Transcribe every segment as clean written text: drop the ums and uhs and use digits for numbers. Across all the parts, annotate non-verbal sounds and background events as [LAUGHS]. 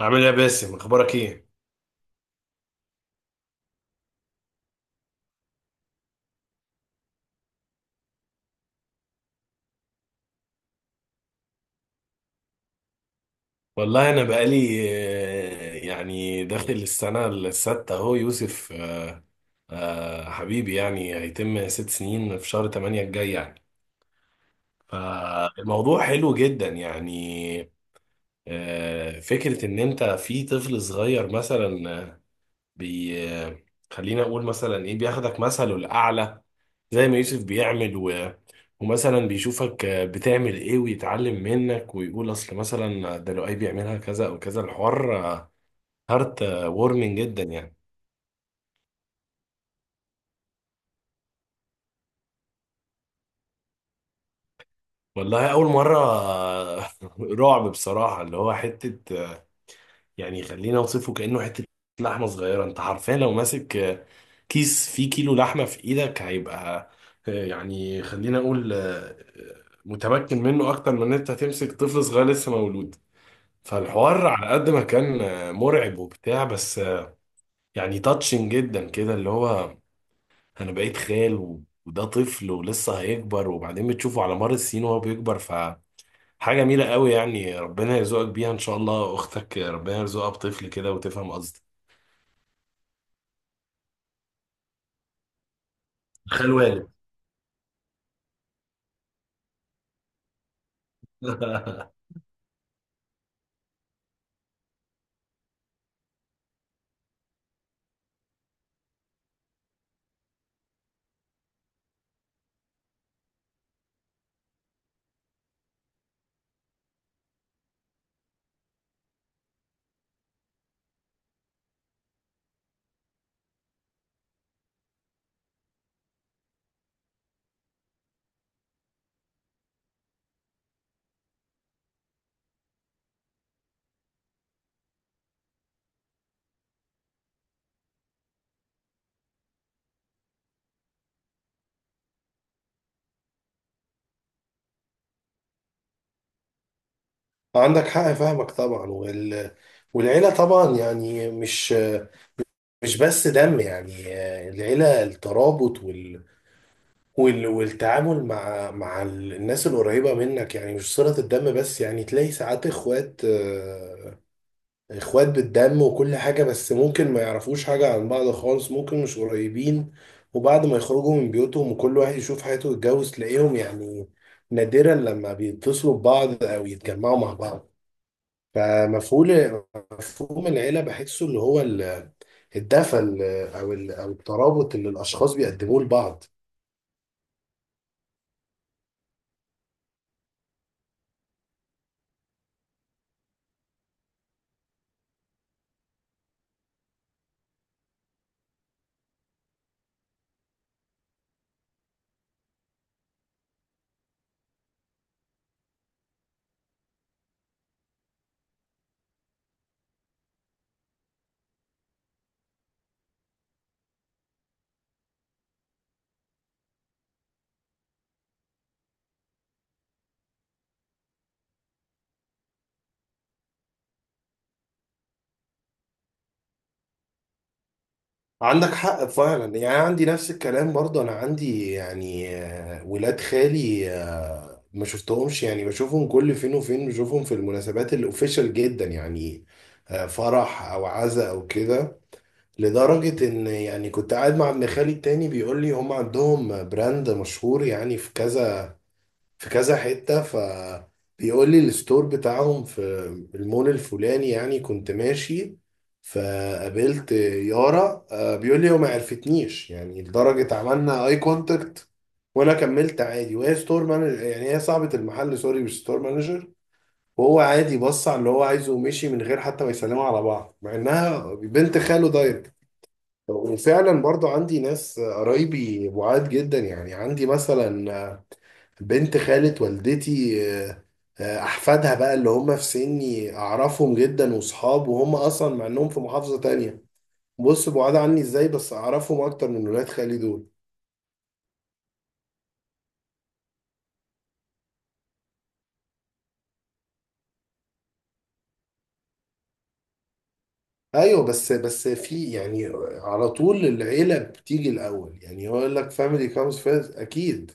عامل ايه يا باسم، اخبارك ايه؟ والله انا بقالي يعني داخل السنه السادسه اهو يوسف، حبيبي يعني هيتم 6 سنين في شهر 8 الجاي يعني. فالموضوع حلو جدا يعني. فكره ان انت في طفل صغير مثلا، آه، بي آه، خلينا اقول مثلا ايه بياخدك مثله الاعلى، زي ما يوسف بيعمل ومثلا بيشوفك بتعمل ايه ويتعلم منك ويقول اصل مثلا ده لو اي بيعملها كذا او كذا. الحوار هارت وورمنج جدا يعني. والله اول مره [LAUGHS] رعب بصراحه. اللي هو حته، يعني خلينا اوصفه كانه حته لحمه صغيره. انت حرفيا لو ماسك كيس فيه كيلو لحمه في ايدك، هيبقى يعني خلينا اقول متمكن منه اكتر من ان انت هتمسك طفل صغير لسه مولود. فالحوار على قد ما كان مرعب وبتاع، بس يعني تاتشنج جدا كده. اللي هو انا بقيت خال وده طفل ولسه هيكبر، وبعدين بتشوفه على مر السنين وهو بيكبر. فحاجة جميلة قوي يعني، ربنا يرزقك بيها ان شاء الله. اختك ربنا يرزقها بطفل كده وتفهم قصدي. خال والد. [LAUGHS] عندك حق، فاهمك طبعا. والعيلة طبعا يعني مش بس دم يعني. العيلة الترابط والتعامل مع الناس القريبة منك، يعني مش صلة الدم بس. يعني تلاقي ساعات اخوات بالدم وكل حاجة، بس ممكن ما يعرفوش حاجة عن بعض خالص. ممكن مش قريبين، وبعد ما يخرجوا من بيوتهم وكل واحد يشوف حياته ويتجوز، تلاقيهم يعني نادرا لما بيتصلوا ببعض او يتجمعوا مع بعض. فمفهوم مفهوم العيلة بحسه اللي هو الدفى، او الترابط اللي الاشخاص بيقدموه لبعض. عندك حق فعلا يعني. عندي نفس الكلام برضه. انا عندي يعني ولاد خالي ما شفتهمش يعني. بشوفهم كل فين وفين. بشوفهم في المناسبات الاوفيشال جدا يعني، فرح او عزاء او كده. لدرجة ان يعني كنت قاعد مع ابن خالي التاني بيقول لي هم عندهم براند مشهور يعني في كذا في كذا حتة. بيقول لي الستور بتاعهم في المول الفلاني. يعني كنت ماشي فقابلت يارا، بيقول لي هو ما عرفتنيش. يعني لدرجة عملنا اي كونتاكت، وانا كملت عادي. وهي ستور مانجر، يعني هي صاحبة المحل، سوري مش ستور مانجر. وهو عادي بص على اللي هو عايزه ومشي من غير حتى ما يسلموا على بعض، مع انها بنت خاله دايركت. وفعلا برضو عندي ناس قرايبي بعاد جدا. يعني عندي مثلا بنت خالة والدتي، آه، أحفادها بقى اللي هم في سني أعرفهم جدا وصحاب، وهم أصلا مع إنهم في محافظة تانية، بص بعاد عني إزاي، بس أعرفهم أكتر من ولاد خالي دول. أيوة، بس في يعني على طول العيلة بتيجي الأول. يعني هو يقول لك family comes first، أكيد.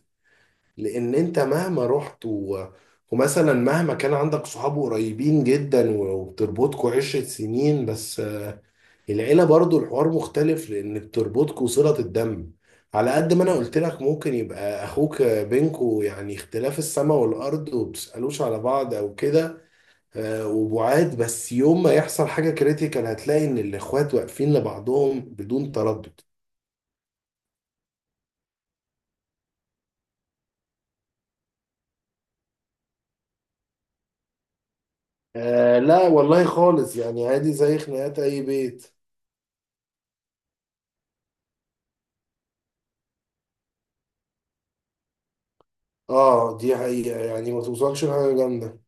لأن أنت مهما رحت ومثلا مهما كان عندك صحاب قريبين جدا وبتربطكوا 10 سنين، بس العيلة برضو الحوار مختلف، لأن بتربطكوا صلة الدم. على قد ما أنا قلت لك ممكن يبقى أخوك بينكوا يعني اختلاف السماء والأرض، وبتسألوش على بعض أو كده، وبعاد، بس يوم ما يحصل حاجة كريتيكال هتلاقي إن الإخوات واقفين لبعضهم بدون تردد. آه لا، والله خالص. يعني عادي زي خناقات أي بيت. آه دي حقيقة، يعني ما توصلش لحاجة جامدة.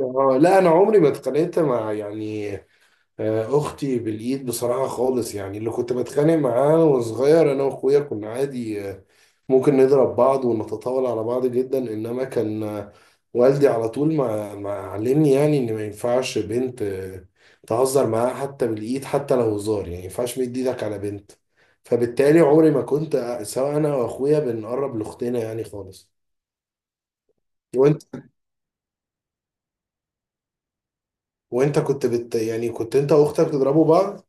آه لا، أنا عمري ما اتخانقت مع يعني اختي بالايد بصراحه خالص. يعني اللي كنت بتخانق معاه وانا صغير، انا واخويا كنا عادي، ممكن نضرب بعض ونتطاول على بعض جدا، انما كان والدي على طول ما علمني يعني ان ما ينفعش بنت تهزر معاها حتى بالايد، حتى لو هزار. يعني ما ينفعش مد ايدك على بنت. فبالتالي عمري ما كنت سواء انا واخويا بنقرب لاختنا يعني خالص. وانت؟ وانت كنت بت يعني كنت انت واختك تضربوا بعض؟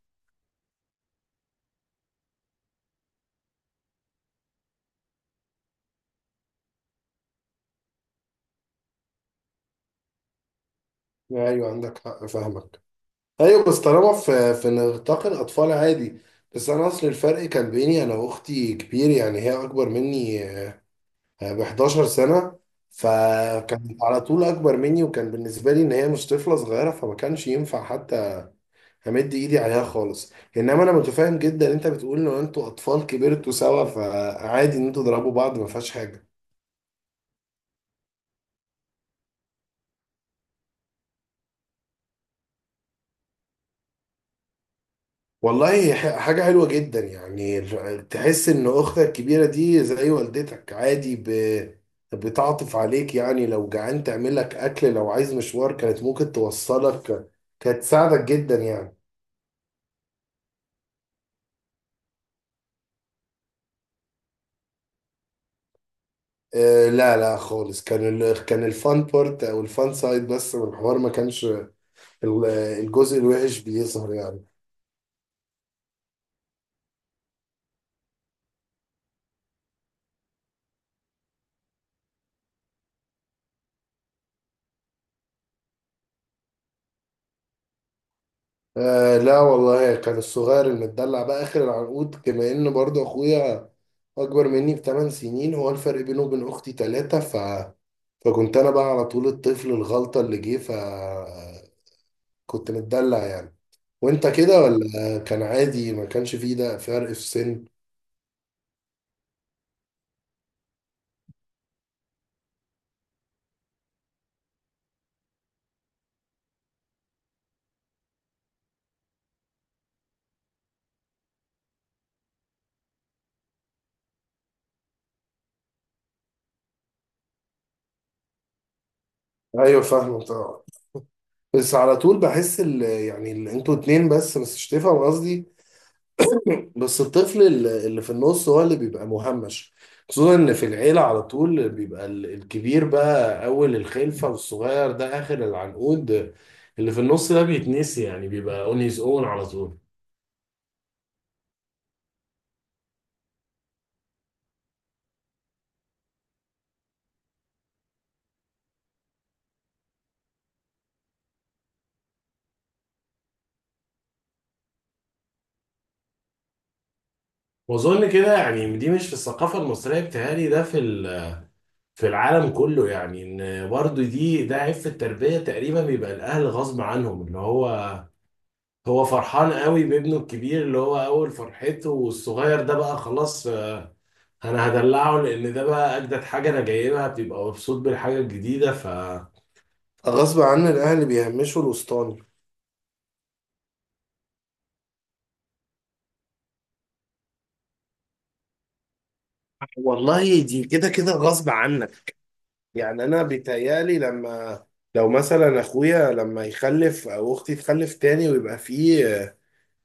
ايوه عندك حق، فاهمك. ايوه، بس طالما في نطاق الاطفال عادي. بس انا اصل الفرق كان بيني انا واختي كبير. يعني هي اكبر مني ب 11 سنه، فكانت على طول اكبر مني، وكان بالنسبه لي ان هي مش طفله صغيره، فما كانش ينفع حتى امد ايدي عليها خالص. انما انا متفاهم جدا انت بتقول ان انتوا اطفال كبرتوا سوا، فعادي ان انتوا تضربوا بعض، ما فيهاش حاجه. والله هي حاجة حلوة جدا يعني. تحس إن أختك الكبيرة دي زي والدتك، عادي بتعطف عليك يعني. لو جعان تعمل لك أكل، لو عايز مشوار كانت ممكن توصلك، كانت تساعدك جدا يعني. آه لا لا خالص. كان كان الفان بارت أو الفان سايد بس من الحوار. ما كانش الجزء الوحش بيظهر يعني. آه لا والله، كان الصغير المدلع بقى آخر العنقود، كما إن برضه أخويا أكبر مني بثمان سنين. هو الفرق بينه وبين أختي تلاتة، فكنت أنا بقى على طول الطفل الغلطة اللي جه. كنت متدلع يعني. وأنت كده ولا كان عادي ما كانش فيه ده فرق في السن؟ أيوة فاهمة طبعا. بس على طول بحس أنتوا اتنين بس مش تفهم قصدي. بس الطفل اللي في النص هو اللي بيبقى مهمش. خصوصا ان في العيلة على طول بيبقى الكبير بقى اول الخلفة والصغير ده اخر العنقود. اللي في النص ده بيتنسي يعني، بيبقى اون هيز اون على طول. واظن كده يعني دي مش في الثقافة المصرية، بتهيألي ده في في العالم كله يعني. ان برضو دي عيب في التربية تقريبا، بيبقى الاهل غصب عنهم. اللي هو هو فرحان قوي بابنه الكبير اللي هو اول فرحته، والصغير ده بقى خلاص انا هدلعه، لان ده بقى اجدد حاجه انا جايبها بيبقى مبسوط بالحاجه الجديدة. غصب عن الاهلي بيهمشوا الاسطاني. والله دي كده كده غصب عنك. يعني انا بيتهيألي لما لو مثلا اخويا لما يخلف او اختي تخلف تاني، ويبقى في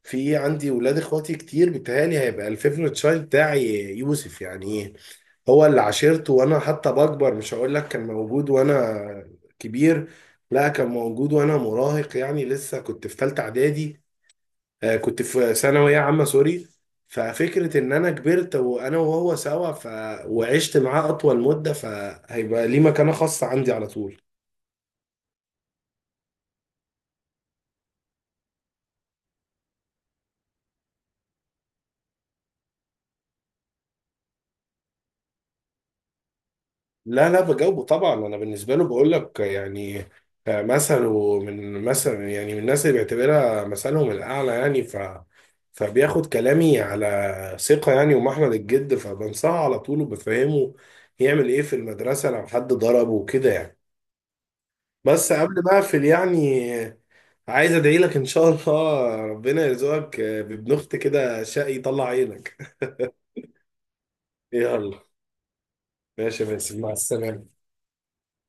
في عندي ولاد اخواتي كتير، بيتهيألي هيبقى الفيفوريت تشايلد بتاعي يوسف. يعني إيه؟ هو اللي عاشرته وانا حتى بكبر. مش هقول لك كان موجود وانا كبير، لا كان موجود وانا مراهق. يعني لسه كنت في ثالثه اعدادي، كنت في ثانويه عامه سوري. ففكره ان انا كبرت وانا وهو سوا، وعشت معاه اطول مده، فهيبقى ليه مكانه خاصه عندي على طول. لا لا بجاوبه طبعا. انا بالنسبه له بقول لك يعني مثله من مثلا، يعني من الناس اللي بيعتبرها مثلهم الاعلى يعني. فبياخد كلامي على ثقه يعني ومحمل الجد، فبنصحه على طول وبفهمه يعمل ايه في المدرسه لو حد ضربه وكده يعني. بس قبل ما اقفل يعني، عايز ادعي لك ان شاء الله ربنا يرزقك بابن اخت كده شقي يطلع عينك. يلا. ماشي يا باسم، مع السلامه.